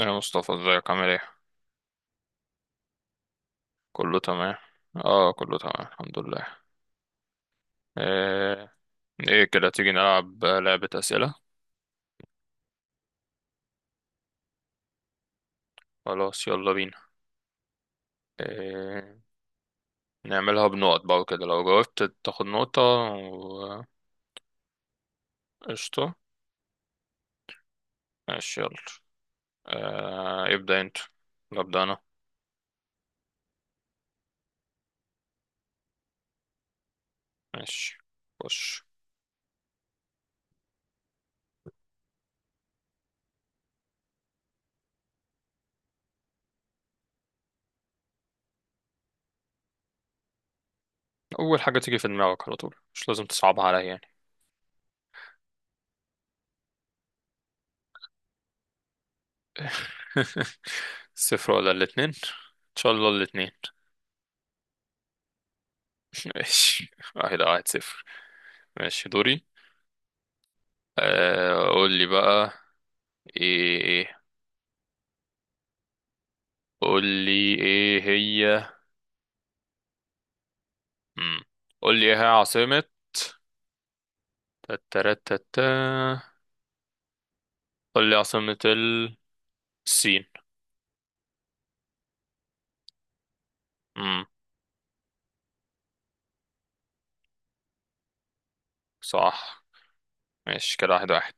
يا مصطفى، ازيك؟ عامل ايه؟ كله تمام. اه، كله تمام الحمد لله. ايه, ايه كده، تيجي نلعب لعبة أسئلة؟ خلاص، يلا بينا. إيه؟ نعملها بنقط بقى وكده، لو جاوبت تاخد نقطة قشطة. ماشي، يلا. آه، ابدأ انت ولا أبدأ أنا؟ ماشي، خش. أول حاجة تيجي في دماغك على طول، مش لازم تصعبها عليا يعني. صفر ولا الاتنين؟ إن شاء الله الاتنين. ماشي، واحد واحد صفر. ماشي، دوري. آه، قول لي بقى. ايه، قول لي ايه هي. مم. قول لي ايه هي عاصمة تترتتا، قول لي عاصمة الصين. امم صح. ماشي كده، 1-1.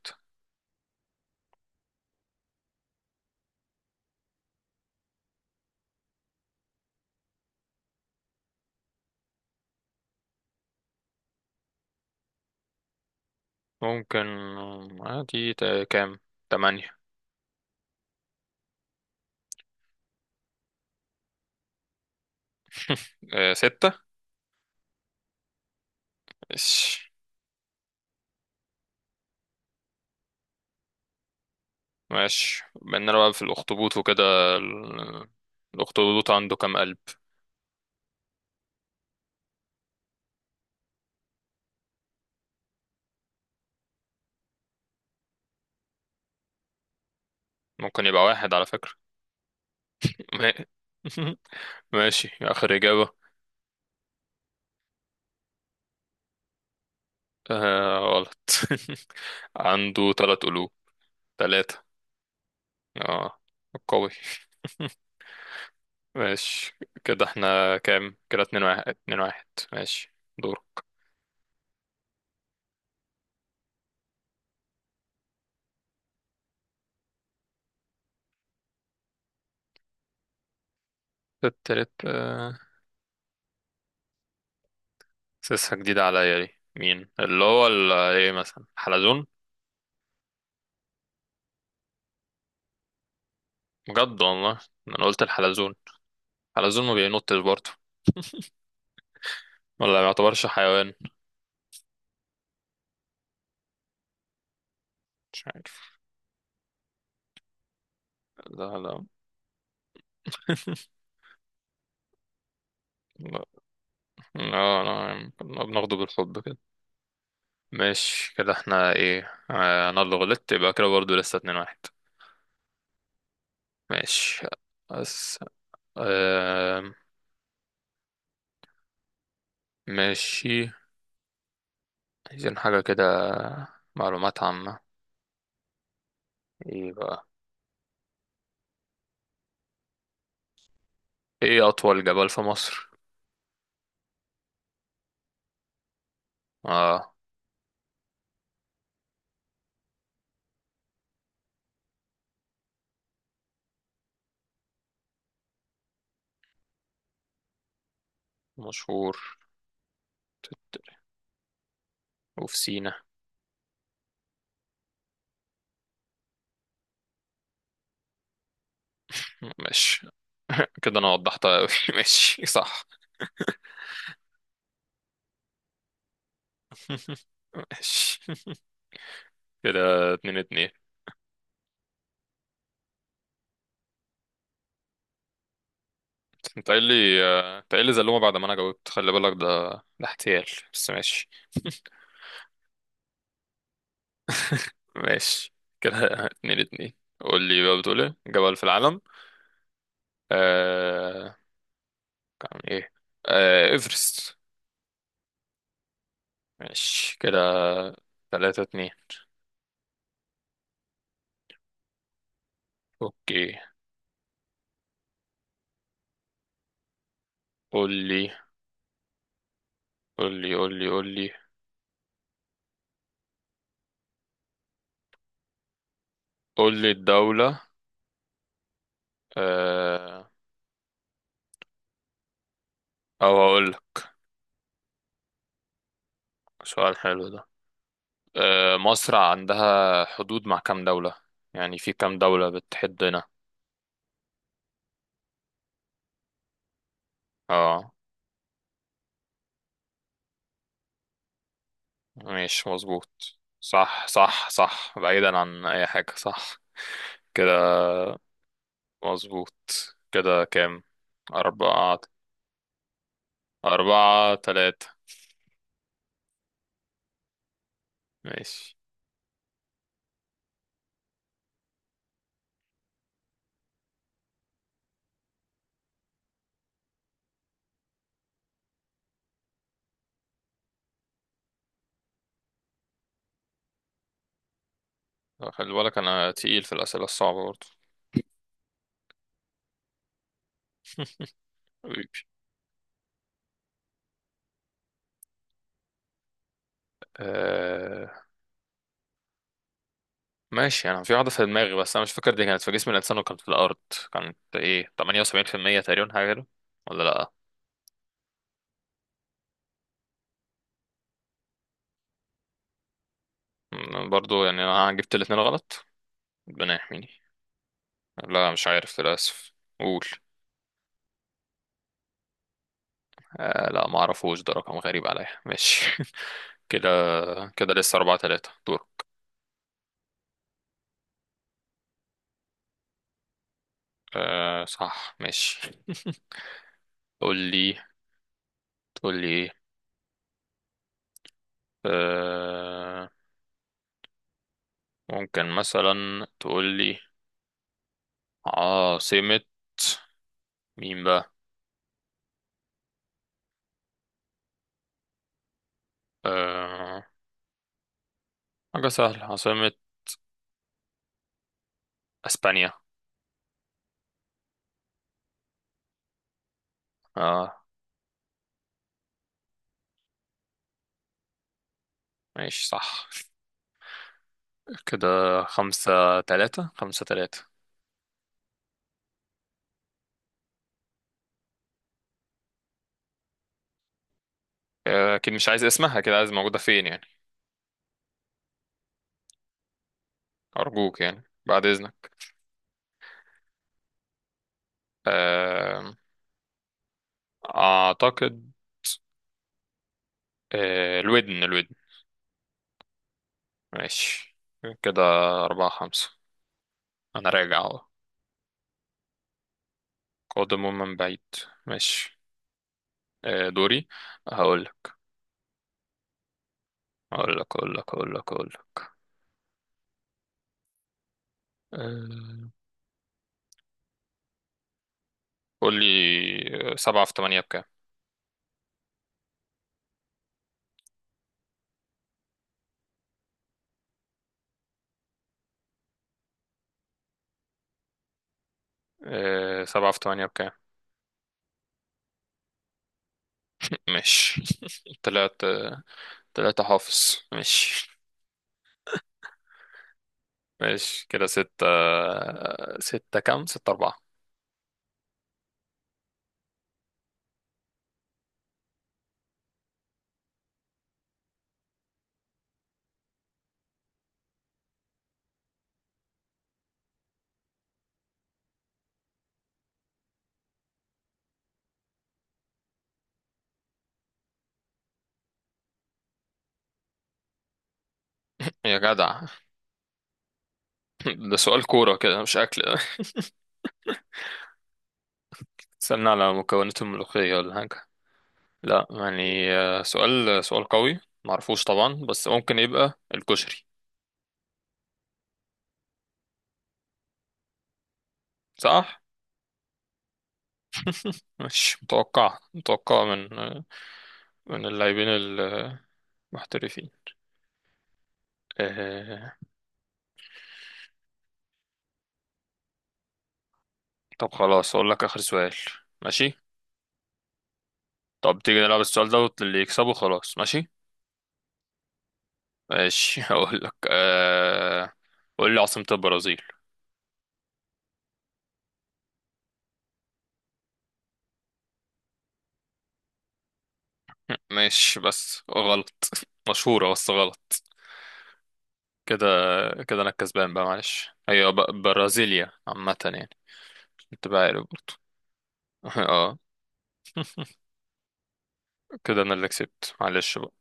ممكن، عادي، كام؟ تمانية. ستة. ماشي. ماشي بيننا بقى في الأخطبوط وكده. ال- الأخطبوط عنده كام قلب؟ ممكن يبقى واحد على فكرة. ماشي، آخر إجابة. آه، غلط. عنده تلات قلوب. تلاتة. اه، قوي. ماشي كده، احنا كام كده؟ اتنين واحد، اتنين واحد. ماشي، دورك. التالت. سيسها جديدة عليا دي، مين اللي هو ال- ايه مثلا حلزون؟ بجد والله، انا قلت الحلزون. حلزون ما بينطش برضه؟ ولا ما يعتبرش حيوان؟ مش عارف. لا لا. لا لا. لا، بناخده بالحب كده. ماشي كده احنا ايه، انا اللي غلطت، يبقى كده برضه لسه 2-1. ماشي. أس... آه... ماشي، عايزين حاجة كده، معلومات عامة. ايه بقى، ايه أطول جبل في مصر؟ اه، مشهور. تت- وفي سينا. ماشي. كده انا وضحتها اوي. ماشي، صح. ماشي كده، 2-2. انت قايل لي، انت قايل لي زلومة بعد ما انا جاوبت، خلي بالك ده احتيال. بس ماشي. ماشي كده. 2-2. قول لي بقى، بتقول ايه جبل في العالم؟ آه... كان ايه؟ ايفرست. ماشي كده، 3-2. اوكي. قول لي قول لي قول لي قول لي قول لي الدولة. آه... او هقول لك، سؤال حلو ده. مصر عندها حدود مع كام دولة، يعني في كام دولة بتحدنا؟ اه. ماشي، مظبوط، صح صح صح، بعيدا عن اي حاجة، صح كده. مظبوط. كده كام؟ أربعة. 4-3. ماشي. خلي بالك أنا تقيل في الأسئلة الصعبة برضه. حبيبي. آه... ماشي، أنا في واحدة في دماغي بس أنا مش فاكر دي كانت في جسم الإنسان وكانت في الأرض. كانت إيه، 78% تقريبا، حاجة كده، ولا لأ؟ برضه يعني أنا جبت الاتنين غلط. ربنا يحميني. لا، مش عارف للأسف. قول. آه لا، معرفوش، ده رقم غريب عليا. ماشي. كده كده، لسه 4-3. دور. آه، صح، ماشي. تقول لي، تقول لي ايه؟ آه ممكن مثلا تقول لي عاصمة مين بقى؟ آه حاجة سهلة، عاصمة اسبانيا. اه. ماشي، صح كده. خمسة تلاتة، خمسة تلاتة. آه، اكيد مش عايز اسمها كده، عايز موجودة فين يعني. ارجوك يعني، بعد اذنك. آه اعتقد، الودن، الودن. ماشي كده، 4-5. أنا راجع أهو، قادم من بعيد. ماشي. آه، دوري. هقول لك هقول لك هقول لك هقول لك هقول لك. آه، قول لي، 7 × 8 بكام؟ سبعة في تمانية بكام؟ ماشي. تلاتة. تلاتة حافظ، ماشي. ماشي كده، ستة. ستة كام، 6-4. يا جدع. ده سؤال كورة كده، مش أكل. استنى على مكونات الملوخية ولا حاجة؟ لا يعني، سؤال سؤال قوي، معرفوش طبعا، بس ممكن يبقى الكشري. صح. مش متوقع، متوقع من اللاعبين المحترفين. آه... طب خلاص، اقول لك اخر سؤال. ماشي. طب تيجي نلعب السؤال ده واللي يكسبه خلاص، ماشي. ماشي. هقول لك. قول لي عاصمة البرازيل. ماشي بس غلط. مشهورة بس غلط. كده. كده انا الكسبان بقى، معلش، هي برازيليا، عامة يعني، انت بقى عارف برضه. اه. كده انا اللي كسبت، معلش بقى.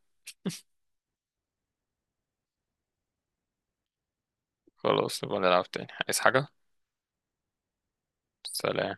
خلاص، نبقى نلعب تاني، عايز حاجة. سلام.